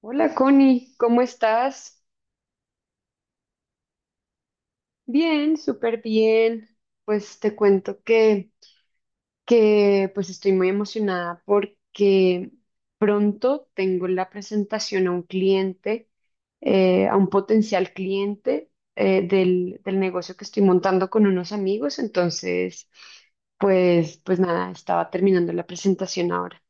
Hola Connie, ¿cómo estás? Bien, súper bien. Pues te cuento que estoy muy emocionada porque pronto tengo la presentación a un cliente, a un potencial cliente del negocio que estoy montando con unos amigos. Entonces, pues nada, estaba terminando la presentación ahora.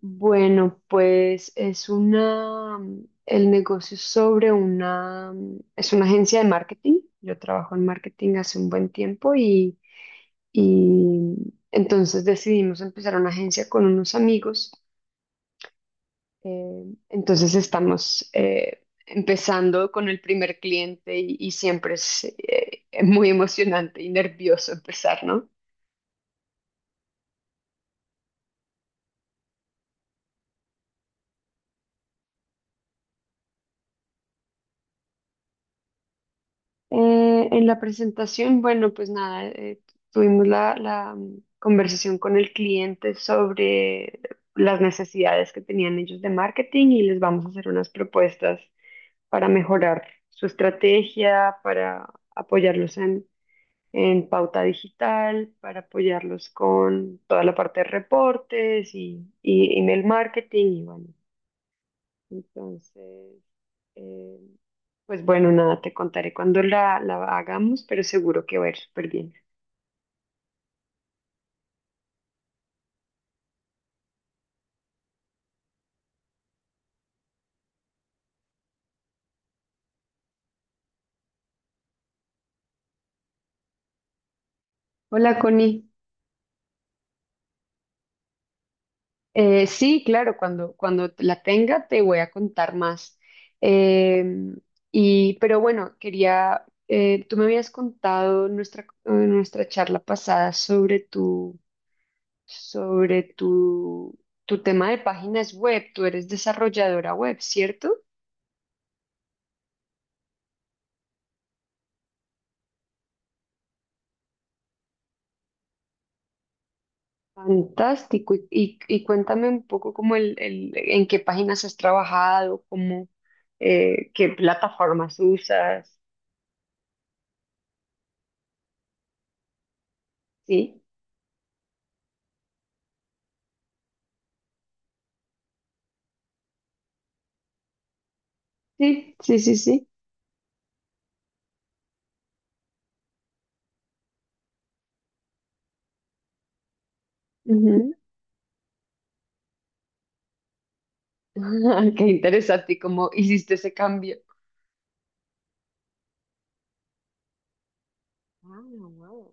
Bueno, pues es una el negocio es sobre una es una agencia de marketing. Yo trabajo en marketing hace un buen tiempo y entonces decidimos empezar una agencia con unos amigos. Entonces estamos empezando con el primer cliente y siempre es muy emocionante y nervioso empezar, ¿no? En la presentación, bueno, pues nada, tuvimos la conversación con el cliente sobre las necesidades que tenían ellos de marketing y les vamos a hacer unas propuestas para mejorar su estrategia, para apoyarlos en pauta digital, para apoyarlos con toda la parte de reportes y email marketing y bueno, entonces... eh, pues bueno, nada, te contaré cuando la hagamos, pero seguro que va a ir súper bien. Hola, Connie. Sí, claro, cuando la tenga te voy a contar más. Eh, pero bueno, quería, tú me habías contado nuestra, nuestra charla pasada sobre sobre tu, tu tema de páginas web. Tú eres desarrolladora web, ¿cierto? Fantástico. Y cuéntame un poco como en qué páginas has trabajado, cómo, qué plataformas usas. Sí, sí, sí, sí, sí. Ujú. Qué interesante y cómo hiciste ese cambio. Ah, wow.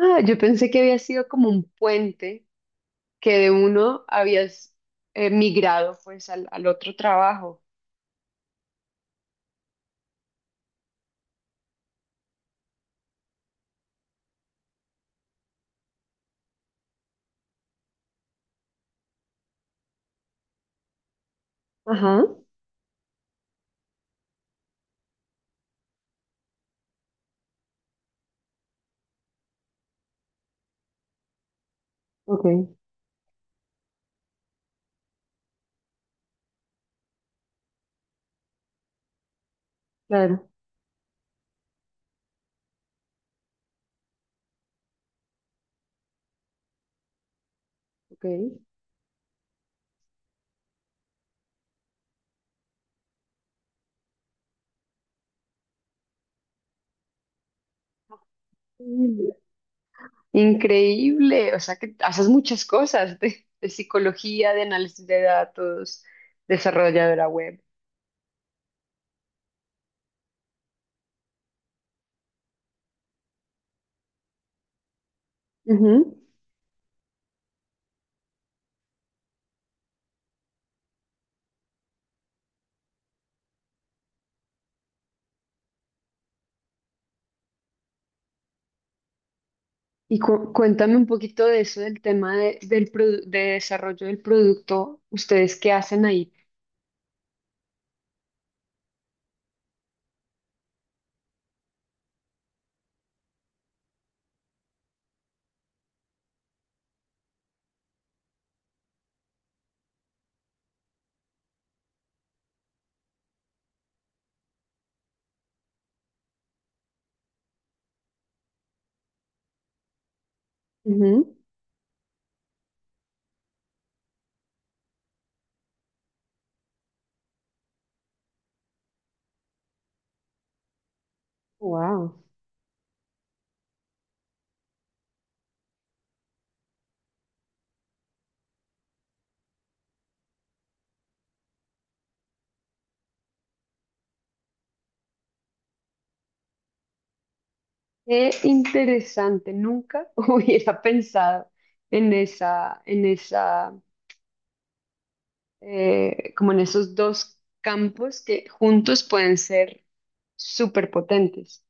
Ah, yo pensé que había sido como un puente que de uno habías migrado pues al otro trabajo. Ajá, ok, claro, ok. Increíble, o sea que haces muchas cosas de psicología, de análisis de datos, desarrolladora web. Ujú. Y cuéntame un poquito de eso, del tema de, del produ- de desarrollo del producto, ustedes qué hacen ahí. Wow, qué interesante, nunca hubiera pensado en esa, en esa, como en esos dos campos que juntos pueden ser súper potentes.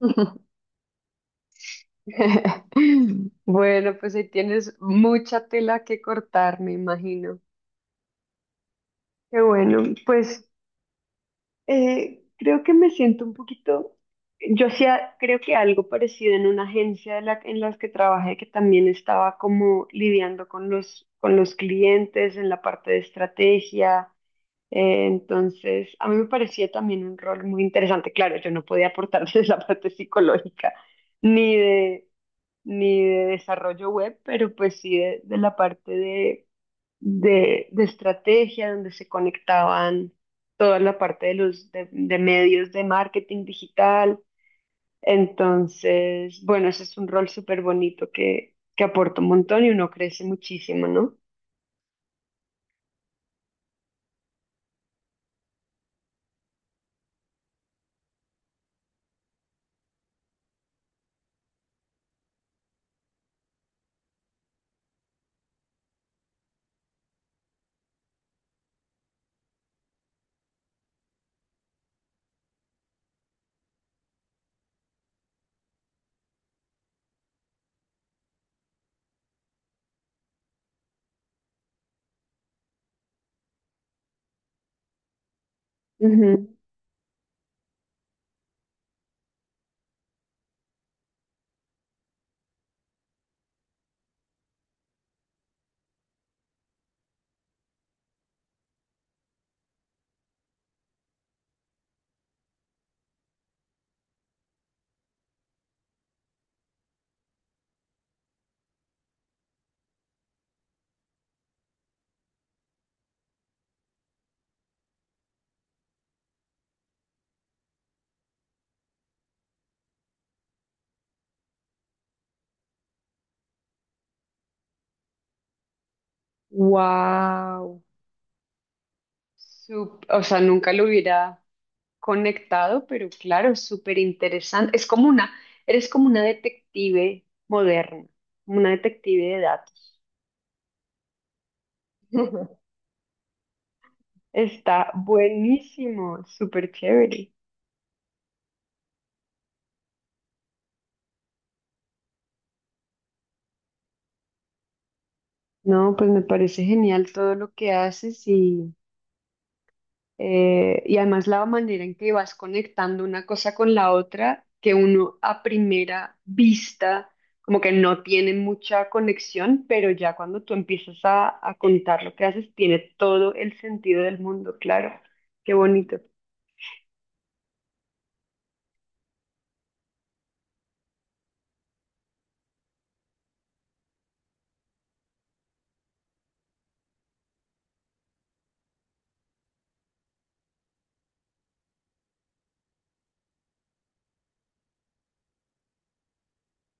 Bueno, pues ahí tienes mucha tela que cortar, me imagino. Qué bueno, pues creo que me siento un poquito, creo que algo parecido en una agencia de en las que trabajé, que también estaba como lidiando con con los clientes en la parte de estrategia. Entonces, a mí me parecía también un rol muy interesante. Claro, yo no podía aportar desde la parte psicológica, ni de ni de desarrollo web, pero pues sí de la parte de estrategia, donde se conectaban toda la parte de de medios de marketing digital. Entonces, bueno, ese es un rol súper bonito que aporta un montón y uno crece muchísimo, ¿no? Wow. O sea, nunca lo hubiera conectado, pero claro, súper interesante. Es como eres como una detective moderna, una detective de datos. Está buenísimo, súper chévere. No, pues me parece genial todo lo que haces. Y además la manera en que vas conectando una cosa con la otra, que uno a primera vista como que no tiene mucha conexión, pero ya cuando tú empiezas a contar lo que haces, tiene todo el sentido del mundo, claro. Qué bonito.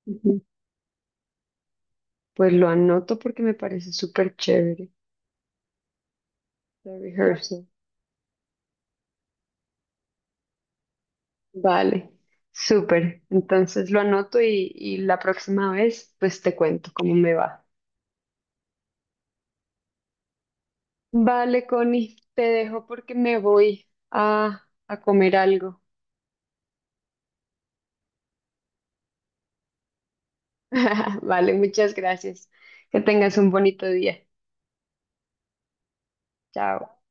Ujú. Pues lo anoto porque me parece súper chévere. The rehearsal. Vale, súper. Entonces lo anoto y la próxima vez pues te cuento cómo me va. Vale, Connie, te dejo porque me voy a comer algo. Vale, muchas gracias. Que tengas un bonito día. Chao.